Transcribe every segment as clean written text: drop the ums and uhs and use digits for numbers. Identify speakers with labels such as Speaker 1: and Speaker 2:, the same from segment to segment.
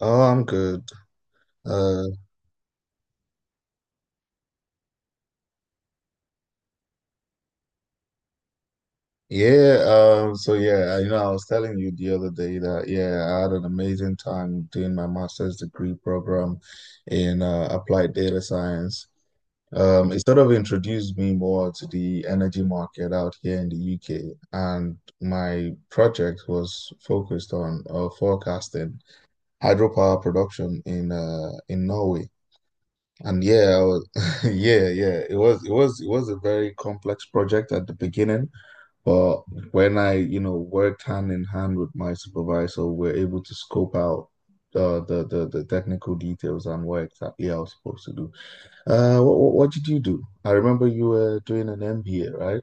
Speaker 1: Oh, I'm good. Uh, yeah, I was telling you the other day that yeah, I had an amazing time doing my master's degree program in applied data science. It sort of introduced me more to the energy market out here in the UK, and my project was focused on forecasting hydropower production in Norway. And yeah, I was, yeah, it was a very complex project at the beginning. But when I, you know, worked hand in hand with my supervisor, we're able to scope out the the technical details and what exactly I was supposed to do. What did you do? I remember you were doing an MBA, right?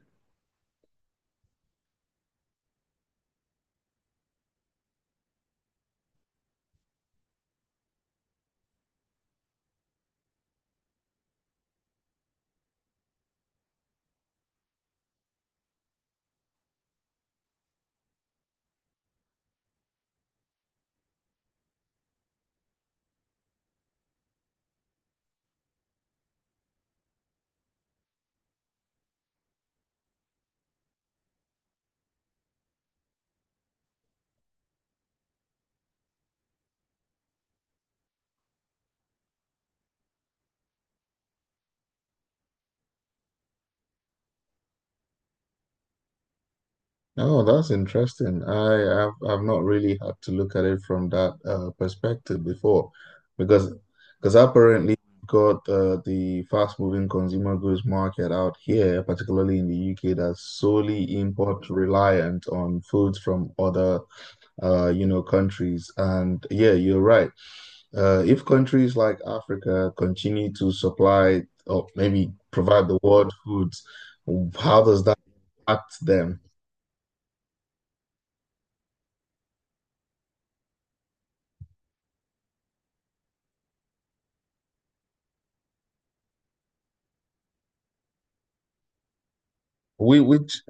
Speaker 1: Oh, that's interesting. I've not really had to look at it from that perspective before, because because apparently we've got the fast-moving consumer goods market out here, particularly in the UK, that's solely import reliant on foods from other you know countries. And yeah, you're right. If countries like Africa continue to supply or maybe provide the world foods, how does that impact them? We, which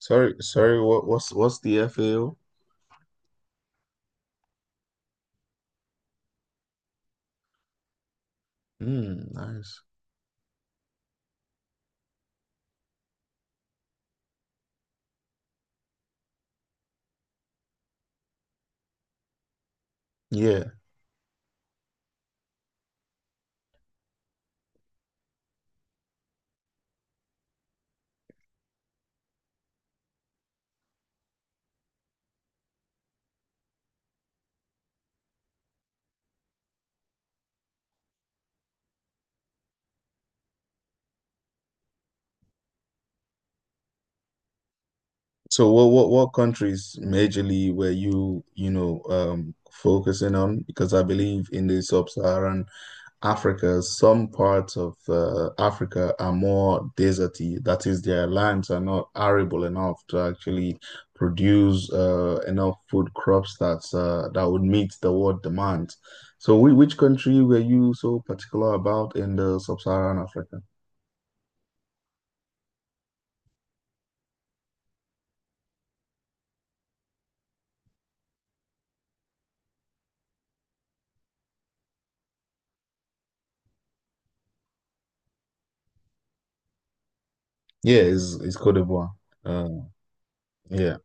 Speaker 1: Sorry, what's the FAO? Mm, nice. Yeah. So what countries majorly were you, you know, focusing on? Because I believe in the sub-Saharan Africa, some parts of Africa are more deserty. That is, their lands are not arable enough to actually produce enough food crops that would meet the world demand. So which country were you so particular about in the sub-Saharan Africa? Yeah, it's Côte d'Ivoire. Uh, yeah.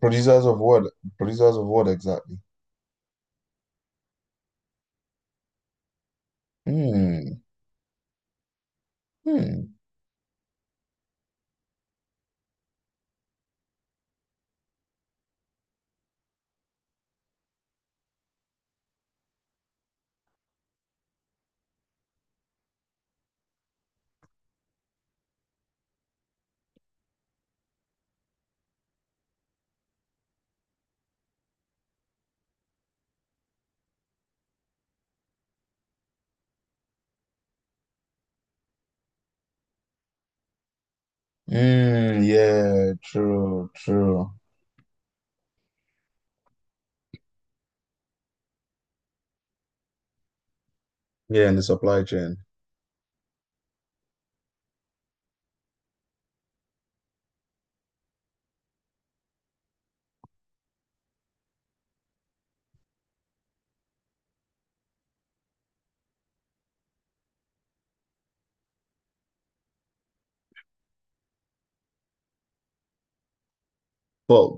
Speaker 1: Producers of what? Producers of what exactly? Hmm. Hmm. Mm, yeah, true, true. Yeah, in the supply chain. But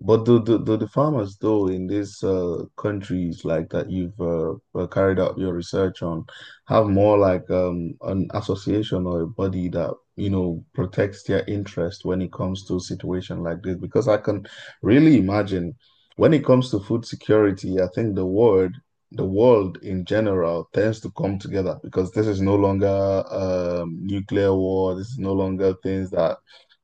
Speaker 1: But do the farmers though in these countries like that you've carried out your research on have more like an association or a body that you know protects their interest when it comes to a situation like this? Because I can really imagine when it comes to food security, I think the world in general tends to come together because this is no longer nuclear war. This is no longer things that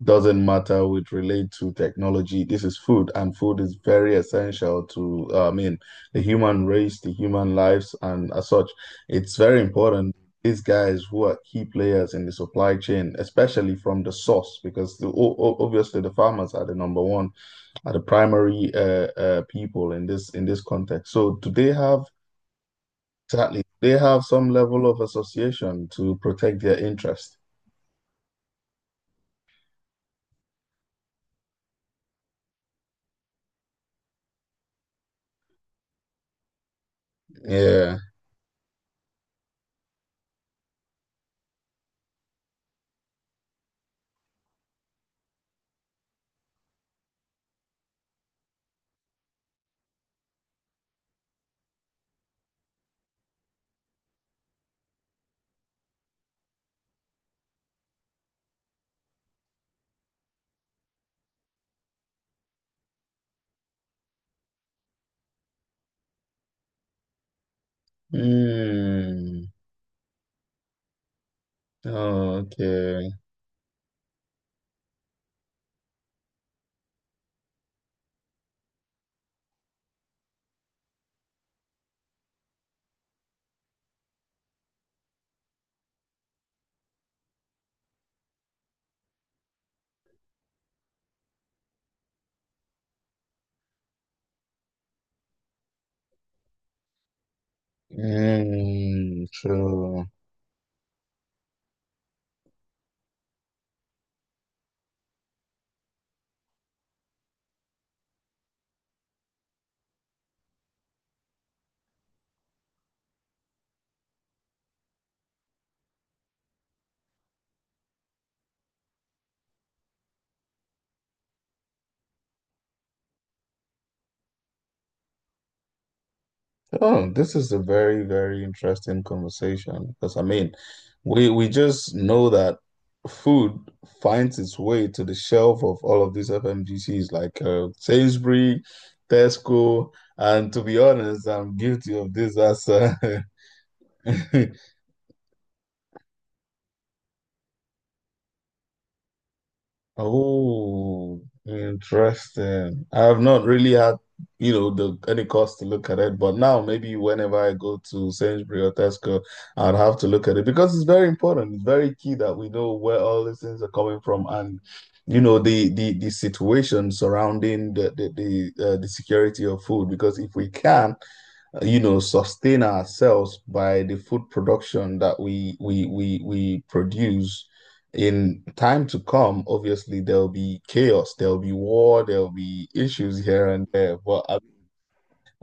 Speaker 1: doesn't matter which relate to technology. This is food, and food is very essential to, I mean, the human race, the human lives, and as such, it's very important. These guys who are key players in the supply chain, especially from the source, because obviously the farmers are the number one, are the primary people in this context. So do they have exactly? do They have some level of association to protect their interest. Yeah. Hmm. Oh, okay. Mm, true. Oh, this is a very, very interesting conversation because I mean, we just know that food finds its way to the shelf of all of these FMGCs like Sainsbury, Tesco, and to be honest, I'm guilty of this as Oh, interesting. I have not really had, you know, the any cause to look at it, but now maybe whenever I go to Sainsbury or Tesco, I'd have to look at it because it's very important. It's very key that we know where all these things are coming from and, you know, the the situation surrounding the the security of food. Because if we can, you know, sustain ourselves by the food production that we produce. In time to come, obviously there'll be chaos, there'll be war, there'll be issues here and there. But uh,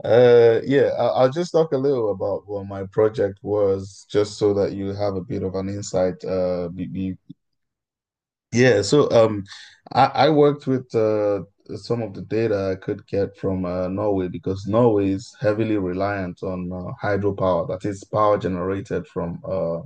Speaker 1: uh, yeah, I'll just talk a little about what my project was, just so that you have a bit of an insight yeah, so I worked with some of the data I could get from Norway because Norway is heavily reliant on hydropower, that is power generated from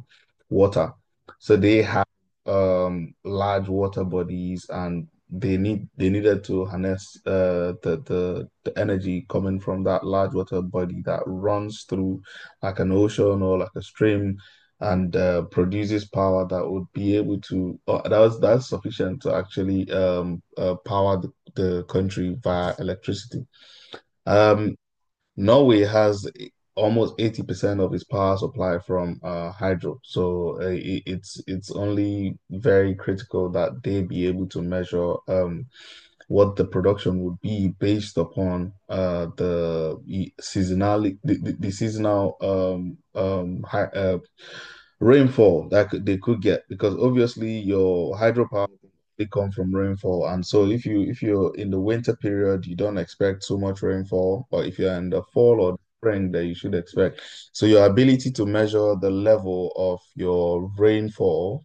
Speaker 1: water. So they have large water bodies, and they needed to harness the energy coming from that large water body that runs through like an ocean or like a stream and produces power that would be able to that's sufficient to actually power the country via electricity. Um, Norway has almost 80% of its power supply from hydro, so it's only very critical that they be able to measure what the production would be based upon the seasonality the seasonal rainfall they could get because obviously your hydropower they come from rainfall, and so if you if you're in the winter period you don't expect so much rainfall, or if you're in the fall or spring that you should expect. So your ability to measure the level of your rainfall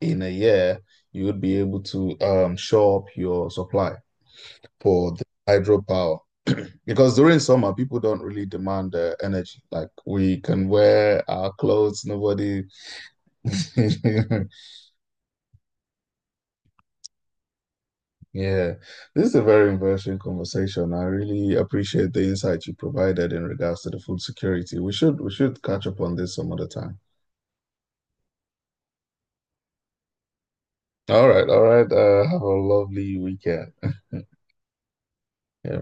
Speaker 1: in a year, you would be able to shore up your supply for the hydropower because during summer people don't really demand energy, like we can wear our clothes, nobody Yeah, this is a very interesting conversation. I really appreciate the insight you provided in regards to the food security. We should catch up on this some other time. All right, all right. Have a lovely weekend. Yeah.